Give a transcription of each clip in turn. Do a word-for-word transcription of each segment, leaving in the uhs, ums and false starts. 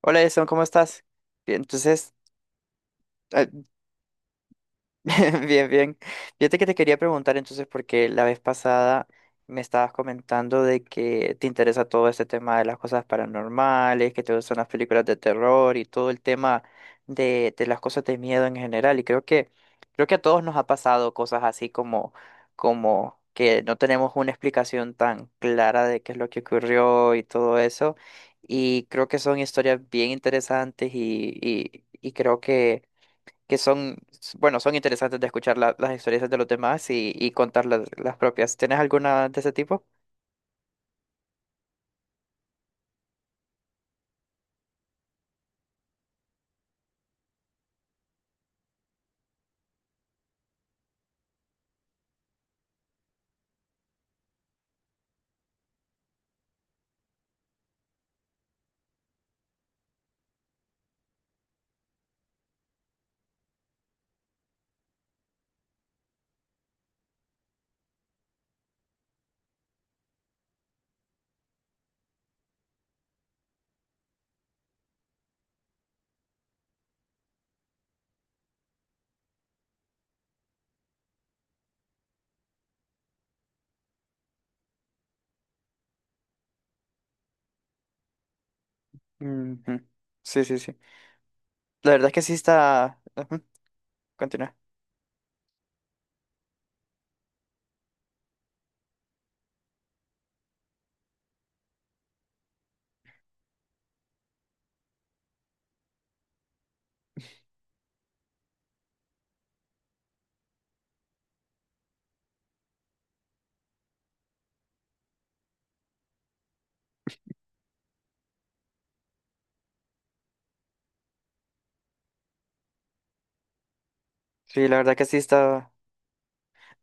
Hola, Jason, ¿cómo estás? Bien, entonces, eh, Bien, bien. Fíjate que te quería preguntar entonces, porque la vez pasada me estabas comentando de que te interesa todo este tema de las cosas paranormales, que te gustan las películas de terror y todo el tema de, de las cosas de miedo en general. Y creo que, creo que a todos nos ha pasado cosas así como, como que no tenemos una explicación tan clara de qué es lo que ocurrió y todo eso. Y creo que son historias bien interesantes y, y y creo que que son, bueno, son interesantes de escuchar la- las experiencias de los demás y, y contar las, las propias. ¿Tienes alguna de ese tipo? Ujú. Sí, sí, sí. La verdad es que sí está... ujú. Continúa. Sí, la verdad que sí está...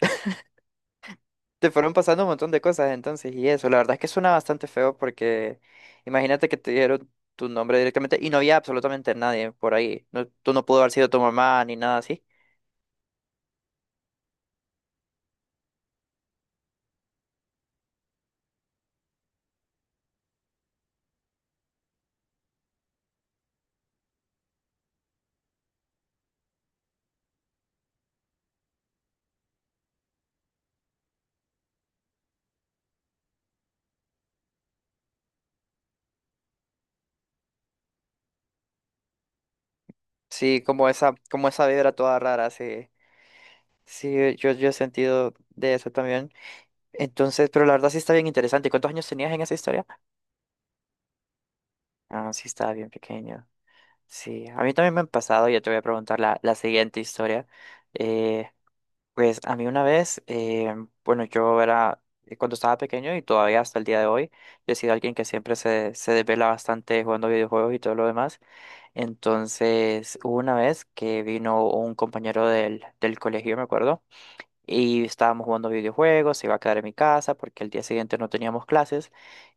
Te fueron pasando un montón de cosas entonces y eso. La verdad es que suena bastante feo porque imagínate que te dieron tu nombre directamente y no había absolutamente nadie por ahí. No, tú no pudo haber sido tu mamá ni nada así. Sí, como esa, como esa vibra toda rara, sí. Sí, yo, yo he sentido de eso también. Entonces, pero la verdad sí está bien interesante. ¿Cuántos años tenías en esa historia? Ah, sí, estaba bien pequeño. Sí, a mí también me han pasado, ya te voy a preguntar la, la siguiente historia. Eh, pues a mí una vez, eh, bueno, yo era, eh, cuando estaba pequeño y todavía hasta el día de hoy, yo he sido alguien que siempre se, se desvela bastante jugando videojuegos y todo lo demás. Entonces, hubo una vez que vino un compañero del, del colegio, me acuerdo y estábamos jugando videojuegos, se iba a quedar en mi casa porque el día siguiente no teníamos clases.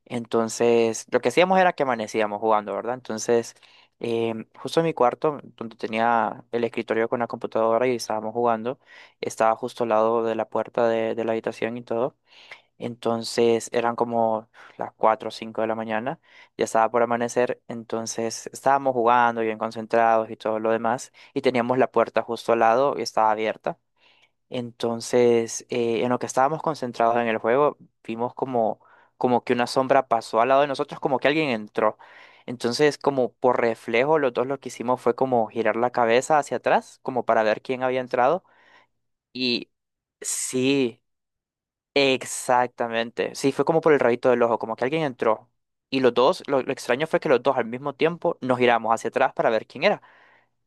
Entonces, lo que hacíamos era que amanecíamos jugando, ¿verdad? Entonces, em, justo en mi cuarto, donde tenía el escritorio con la computadora y estábamos jugando, estaba justo al lado de la puerta de, de la habitación y todo. Entonces, eran como las cuatro o cinco de la mañana, ya estaba por amanecer, entonces estábamos jugando bien concentrados y todo lo demás, y teníamos la puerta justo al lado y estaba abierta. Entonces, eh, en lo que estábamos concentrados en el juego, vimos como, como que una sombra pasó al lado de nosotros, como que alguien entró. Entonces, como por reflejo, los dos lo que hicimos fue como girar la cabeza hacia atrás, como para ver quién había entrado. Y sí, exactamente. Sí, fue como por el rayito del ojo, como que alguien entró. Y los dos, lo, lo extraño fue que los dos al mismo tiempo nos giramos hacia atrás para ver quién era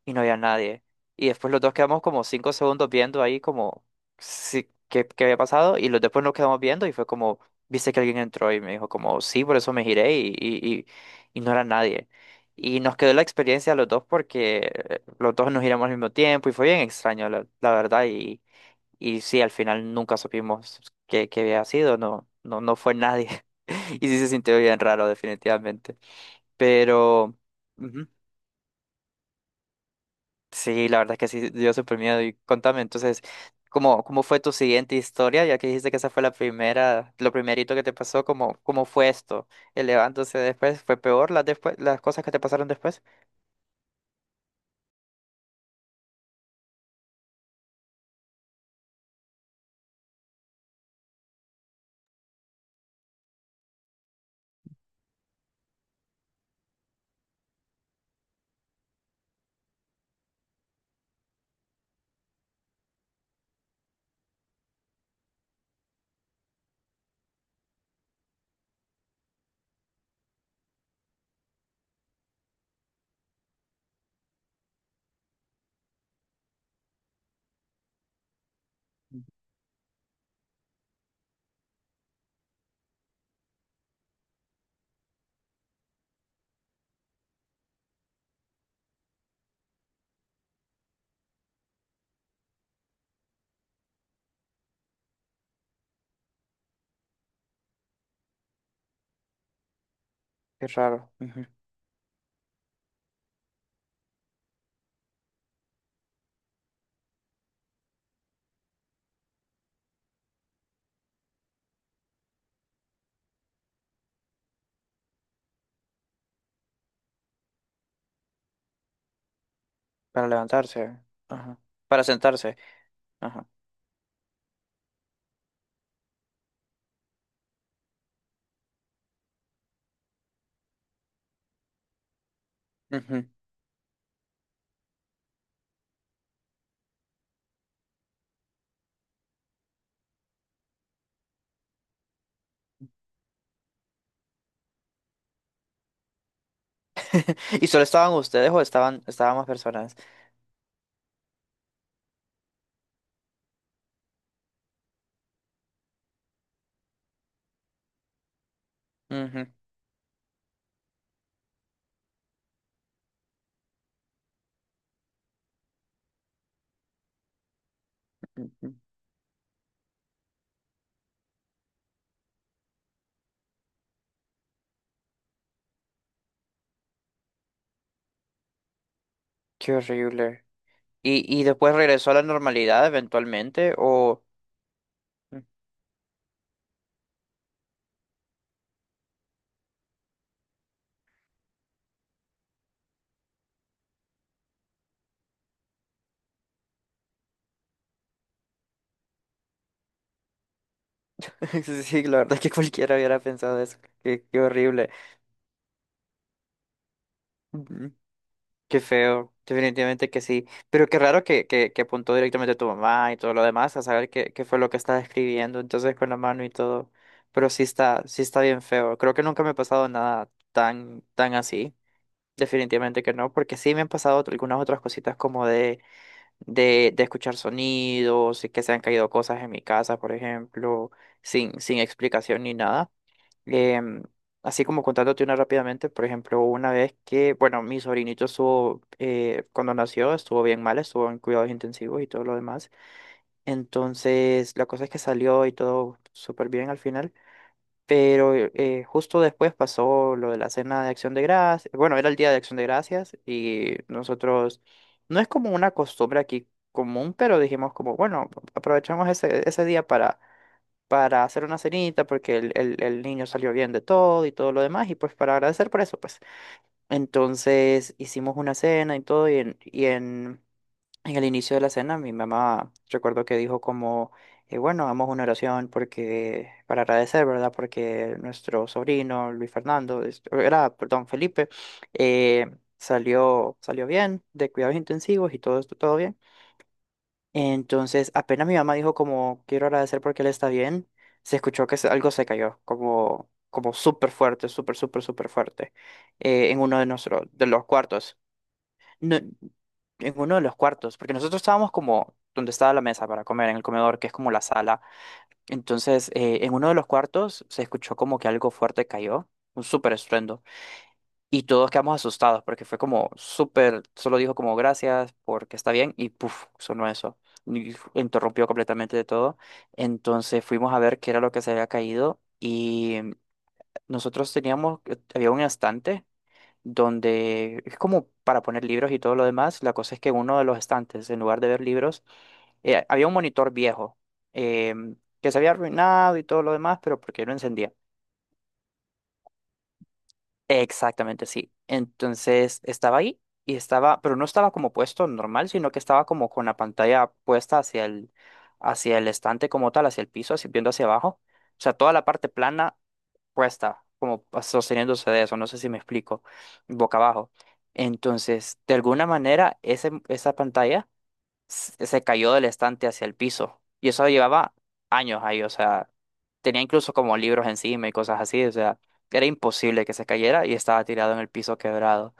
y no había nadie. Y después los dos quedamos como cinco segundos viendo ahí como si- qué, qué había pasado y los después nos quedamos viendo y fue como, viste que alguien entró y me dijo como, sí, por eso me giré y, y, y, y no era nadie. Y nos quedó la experiencia a los dos porque eh, los dos nos giramos al mismo tiempo y fue bien extraño, la, la verdad. Y, y sí, al final nunca supimos qué, qué había sido, no, no, no fue nadie. Y sí se sintió bien raro, definitivamente. Pero... ujú. Sí, la verdad que sí dio súper miedo. Y contame, entonces, ¿cómo, cómo fue tu siguiente historia? Ya que dijiste que esa fue la primera, lo primerito que te pasó, ¿cómo, cómo fue esto? ¿El levántose después? ¿Fue peor las, después, las cosas que te pasaron después? Qué raro. Ujú. Para levantarse. Ajá. Para sentarse. Ajá. Ujú. ¿Y solo estaban ustedes o estaban, estaban más personas? Ujú, ujú. Qué horrible. ¿Y, y después regresó a la normalidad eventualmente? ¿O...? Sí, la verdad es que cualquiera hubiera pensado eso. Qué, qué horrible. Mm. Qué feo. Definitivamente que sí. Pero qué raro que, que, que apuntó directamente a tu mamá y todo lo demás a saber qué, qué fue lo que estaba escribiendo. Entonces con la mano y todo. Pero sí está, sí está bien feo. Creo que nunca me ha pasado nada tan, tan así. Definitivamente que no, porque sí me han pasado ot- algunas otras cositas como de, de, de escuchar sonidos y que se han caído cosas en mi casa, por ejemplo, sin, sin explicación ni nada. Em, así como contándote una rápidamente, por ejemplo, una vez que, bueno, mi sobrinito estuvo, eh, cuando nació, estuvo bien mal, estuvo en cuidados intensivos y todo lo demás. Entonces, la cosa es que salió y todo súper bien al final, pero eh, justo después pasó lo de la cena de Acción de Gracias. Bueno, era el día de Acción de Gracias y nosotros, no es como una costumbre aquí común, pero dijimos como, bueno, aprovechamos ese, ese día para para hacer una cenita porque el, el, el niño salió bien de todo y todo lo demás y pues para agradecer por eso pues. Entonces hicimos una cena y todo y en, y en, en el inicio de la cena mi mamá recuerdo que dijo como, eh, bueno, hagamos una oración porque para agradecer, ¿verdad? Porque nuestro sobrino Luis Fernando, es- era, perdón, Felipe, eh, salió, salió bien de cuidados intensivos y todo esto, todo bien. Entonces, apenas mi mamá dijo como quiero agradecer porque él está bien, se escuchó que se- algo se cayó, como, como súper fuerte, súper, súper, súper fuerte, eh, en uno de nuestros, de los cuartos. No- en uno de los cuartos, porque nosotros estábamos como donde estaba la mesa para comer, en el comedor, que es como la sala. Entonces, eh, en uno de los cuartos se escuchó como que algo fuerte cayó, un súper estruendo. Y todos quedamos asustados porque fue como súper, solo dijo como gracias porque está bien y puff sonó eso. Y f- interrumpió completamente de todo. Entonces fuimos a ver qué era lo que se había caído y mm, nosotros teníamos, eh, había un estante donde es como para poner libros y todo lo demás. La cosa es que en uno de los estantes, en lugar de ver libros, eh, había un monitor viejo em, que se había arruinado y todo lo demás, pero porque no encendía. Exactamente, sí. Entonces estaba ahí y estaba, pero no estaba como puesto normal, sino que estaba como con la pantalla puesta hacia el, hacia el estante como tal, hacia el piso, así viendo hacia abajo. O sea, toda la parte plana puesta, como sosteniéndose de eso, no sé si me explico, boca abajo. Entonces, de alguna manera, ese, esa pantalla se se cayó del estante hacia el piso. Y eso llevaba años ahí, o sea, tenía incluso como libros encima y cosas así, o sea, era imposible que se cayera y estaba tirado en el piso quebrado.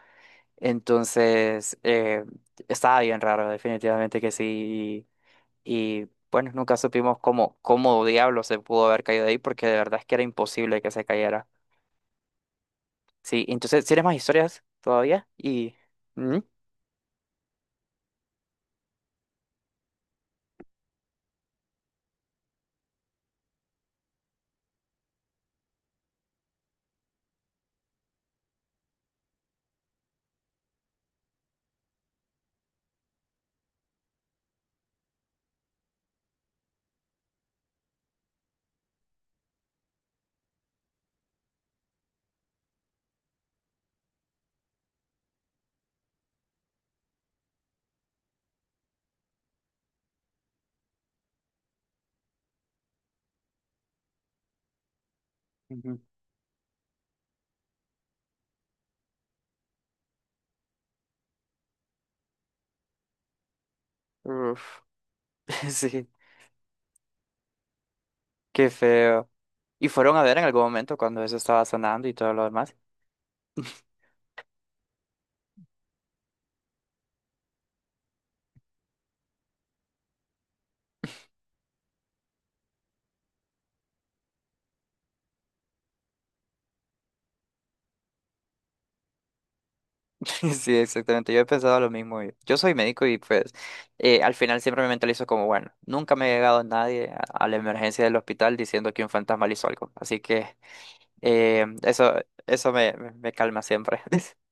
Entonces, eh, estaba bien raro, definitivamente que sí. Y, y, bueno, nunca supimos cómo, cómo diablo se pudo haber caído de ahí, porque de verdad es que era imposible que se cayera. Sí, entonces, ¿tienes más historias todavía? Y... ¿Mm? Ujú. Uf, sí. Qué feo. Y fueron a ver en algún momento cuando eso estaba sonando y todo lo demás. Sí, exactamente. Yo he pensado lo mismo. Yo yo soy médico y pues eh, al final siempre me mentalizo como, bueno, nunca me ha llegado nadie a, a la emergencia del hospital diciendo que un fantasma le hizo algo. Así que eh, eso, eso me, me me calma siempre.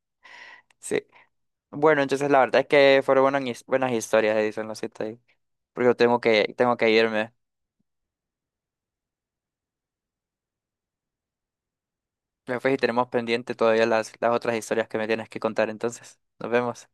Sí. Bueno, entonces la verdad es que fueron buenas, his- buenas historias, dicen los siete ahí. Porque yo tengo que, tengo que irme. Después y tenemos pendiente todavía las, las otras historias que me tienes que contar. Entonces, nos vemos.